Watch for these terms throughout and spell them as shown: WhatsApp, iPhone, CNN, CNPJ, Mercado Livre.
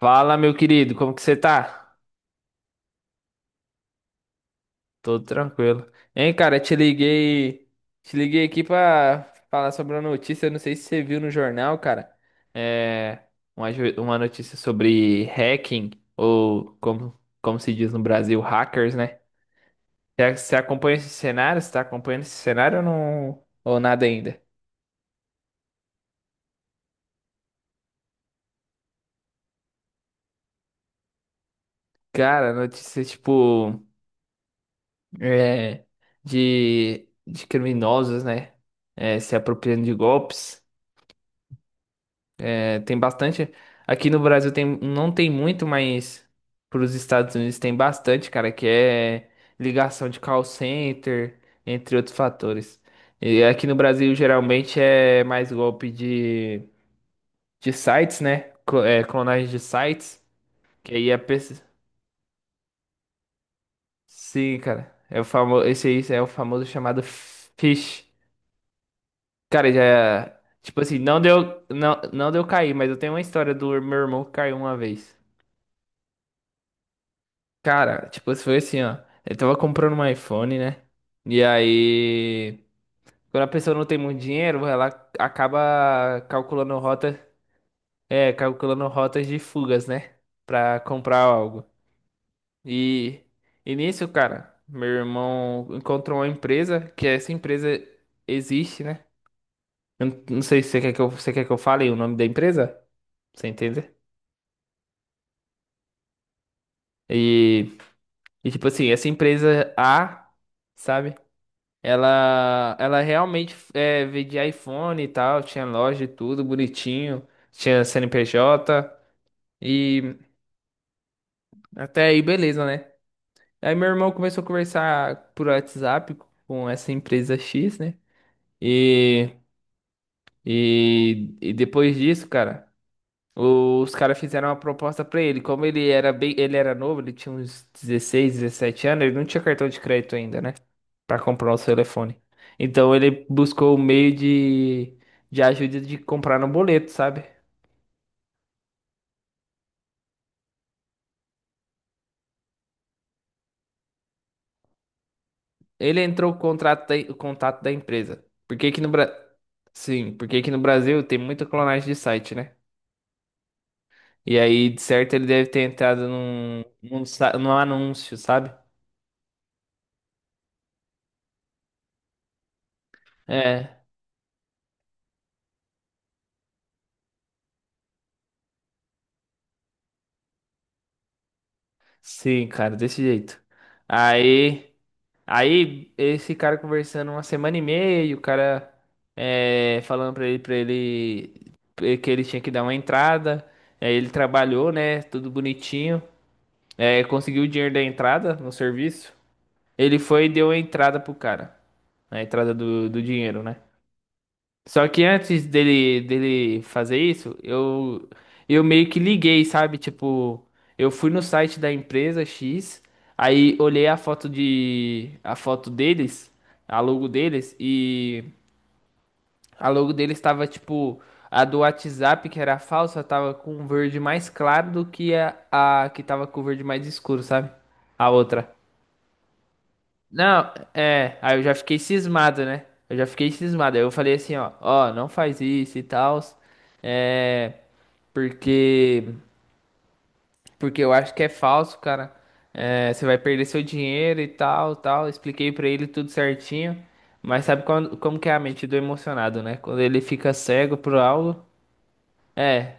Fala, meu querido, como que você tá? Tô tranquilo. Hein, cara, te liguei aqui pra falar sobre uma notícia, eu não sei se você viu no jornal, cara. É uma notícia sobre hacking, ou como se diz no Brasil, hackers, né? Você acompanha esse cenário? Você tá acompanhando esse cenário ou não? Ou nada ainda? Cara, notícia tipo, é, de criminosos, né? É, se apropriando de golpes. É, tem bastante. Aqui no Brasil tem, não tem muito, mas para os Estados Unidos tem bastante, cara, que é ligação de call center, entre outros fatores. E aqui no Brasil geralmente é mais golpe de sites, né? É, clonagem de sites. Que aí a pessoa. Sim, cara. É o famoso, esse aí é o famoso chamado fish. Cara, já. Tipo assim, não deu cair, mas eu tenho uma história do meu irmão que caiu uma vez. Cara, tipo, foi assim, ó. Ele tava comprando um iPhone, né? E aí, quando a pessoa não tem muito dinheiro, ela acaba calculando rota, é, calculando rotas de fugas, né? Pra comprar algo. E, e nisso, cara, meu irmão encontrou uma empresa, que essa empresa existe, né? Eu não sei se você quer que eu, você quer que eu fale o nome da empresa, você entende? E, e tipo assim, essa empresa A, sabe? Ela realmente é, vendia iPhone e tal, tinha loja e tudo bonitinho, tinha CNPJ e até aí beleza, né? Aí meu irmão começou a conversar por WhatsApp com essa empresa X, né? E, e depois disso, cara, os caras fizeram uma proposta pra ele. Como ele era bem, ele era novo, ele tinha uns 16, 17 anos, ele não tinha cartão de crédito ainda, né? Pra comprar o seu telefone. Então ele buscou o meio de ajuda de comprar no boleto, sabe? Ele entrou com o o contato da empresa. Por que que no Bra... Sim, porque aqui no Brasil tem muita clonagem de site, né? E aí, de certo, ele deve ter entrado num anúncio, sabe? É, sim, cara, desse jeito. Aí. Aí esse cara conversando uma semana e meia, o cara é, falando pra ele, que ele tinha que dar uma entrada. Aí ele trabalhou, né? Tudo bonitinho. É, conseguiu o dinheiro da entrada no serviço. Ele foi e deu a entrada pro cara. A entrada do dinheiro, né? Só que antes dele fazer isso, eu meio que liguei, sabe? Tipo, eu fui no site da empresa X, aí olhei a foto deles, a logo deles, e a logo deles tava, tipo, a do WhatsApp, que era falsa, tava com um verde mais claro do que a que tava com o verde mais escuro, sabe? A outra. Não, é, aí eu já fiquei cismado, né? Eu já fiquei cismado. Aí eu falei assim, ó, ó, não faz isso e tal. É, porque porque eu acho que é falso, cara. É, você vai perder seu dinheiro e tal, tal. Expliquei pra ele tudo certinho. Mas sabe quando, como que é a mente do emocionado, né? Quando ele fica cego por algo, é,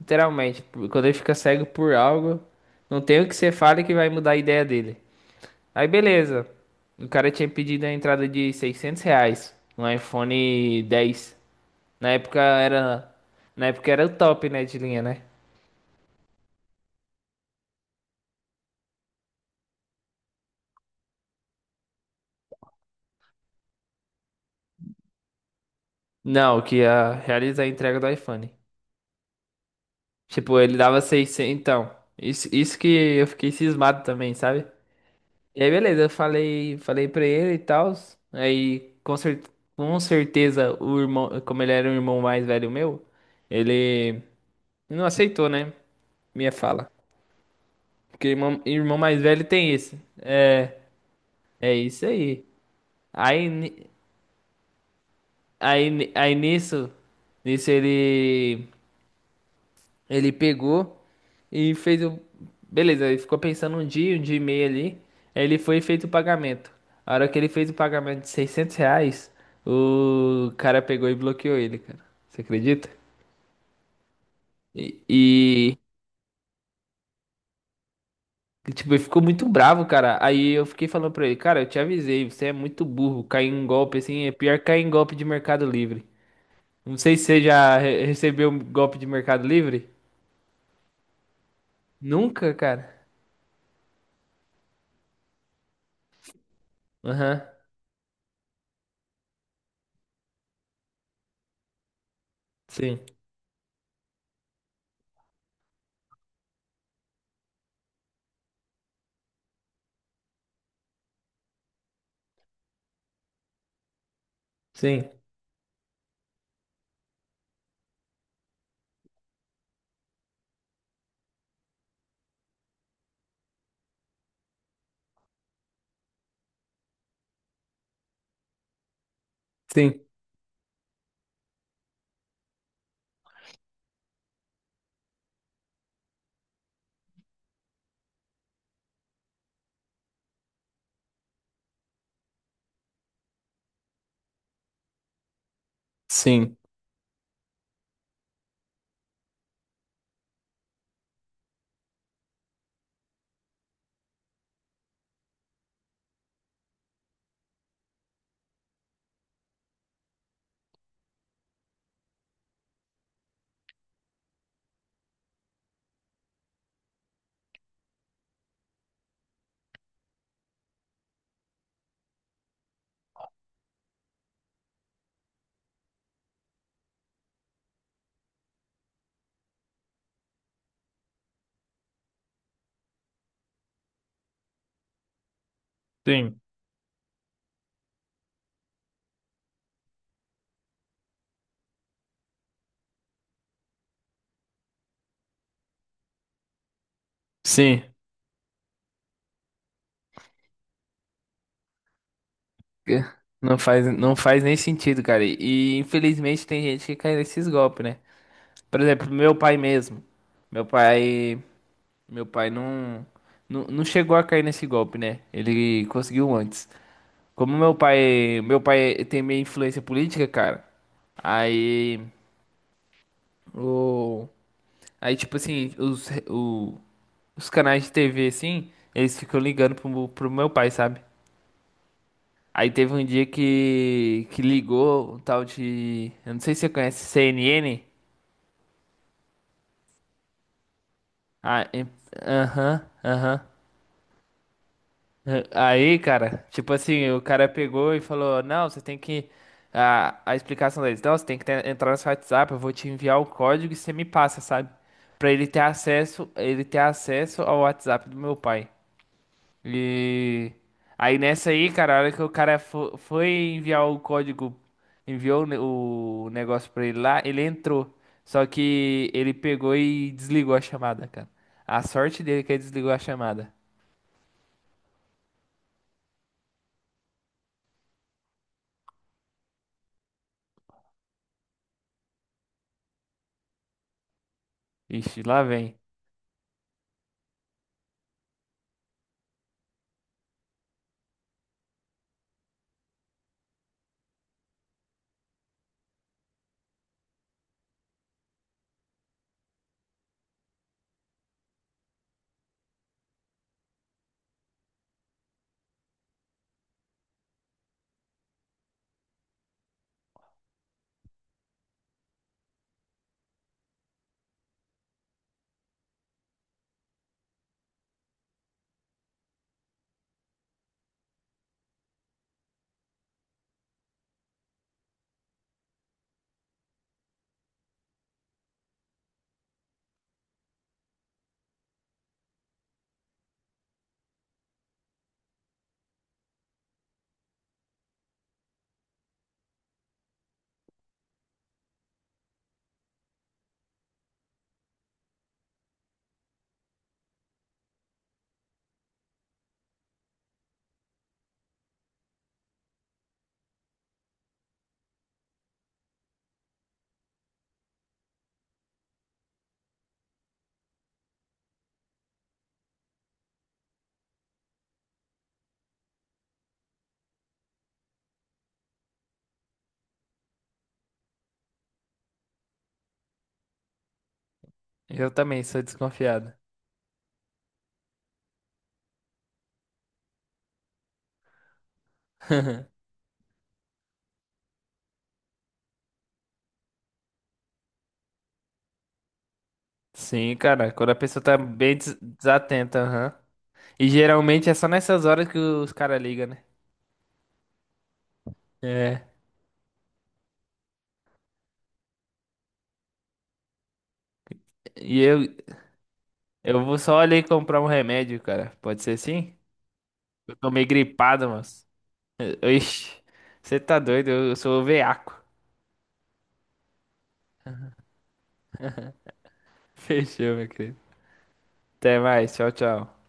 literalmente, quando ele fica cego por algo, não tem o que você fale que vai mudar a ideia dele. Aí beleza. O cara tinha pedido a entrada de 600 reais no iPhone 10. Na época era, na época era o top, né, de linha, né? Não, que ia realizar a entrega do iPhone. Tipo, ele dava seiscentos, então. Isso que eu fiquei cismado também, sabe? E aí beleza, eu falei, falei pra ele e tal. Aí com certeza o irmão, como ele era o irmão mais velho meu, ele não aceitou, né? Minha fala. Porque irmão, irmão mais velho tem isso. É, é isso aí. Aí, ni- aí nisso, ele pegou e fez o. Beleza, ele ficou pensando um dia e meio ali. Aí ele foi e fez o pagamento. A hora que ele fez o pagamento de 600 reais, o cara pegou e bloqueou ele, cara. Você acredita? E, Tipo, ele ficou muito bravo, cara. Aí eu fiquei falando pra ele, cara, eu te avisei, você é muito burro. Cair em golpe assim é pior que cair em golpe de Mercado Livre. Não sei se você já recebeu um golpe de Mercado Livre. Nunca, cara. Aham. Sim. Sim. Sim. Sim. Sim. Sim. Que- não faz nem sentido, cara. E infelizmente tem gente que cai nesses golpes, né? Por exemplo, meu pai mesmo. Meu pai. Meu pai não chegou a cair nesse golpe, né? Ele conseguiu antes. Como meu pai tem meio influência política, cara. Aí o aí tipo assim, os os canais de TV assim, eles ficam ligando pro meu pai, sabe? Aí teve um dia que ligou um tal de, eu não sei se você conhece CNN. Ah, aham, aham. Aí, cara, tipo assim, o cara pegou e falou: Não, você tem que. A explicação deles: Não, você tem que entrar no seu WhatsApp, eu vou te enviar o código e você me passa, sabe? Pra ele ter acesso ao WhatsApp do meu pai. E. Aí nessa aí, cara, a hora que o cara foi enviar o código, enviou o o negócio pra ele lá, ele entrou. Só que ele pegou e desligou a chamada, cara. A sorte dele é que ele desligou a chamada. Ixi, lá vem. Eu também sou desconfiado. Sim, cara, quando a pessoa tá bem desatenta, aham. E geralmente é só nessas horas que os caras ligam, né? É. E eu vou só ali comprar um remédio, cara. Pode ser assim? Eu tô meio gripado, mas. Ixi, você tá doido? Eu sou o veaco. Fechou, meu querido. Até mais. Tchau, tchau.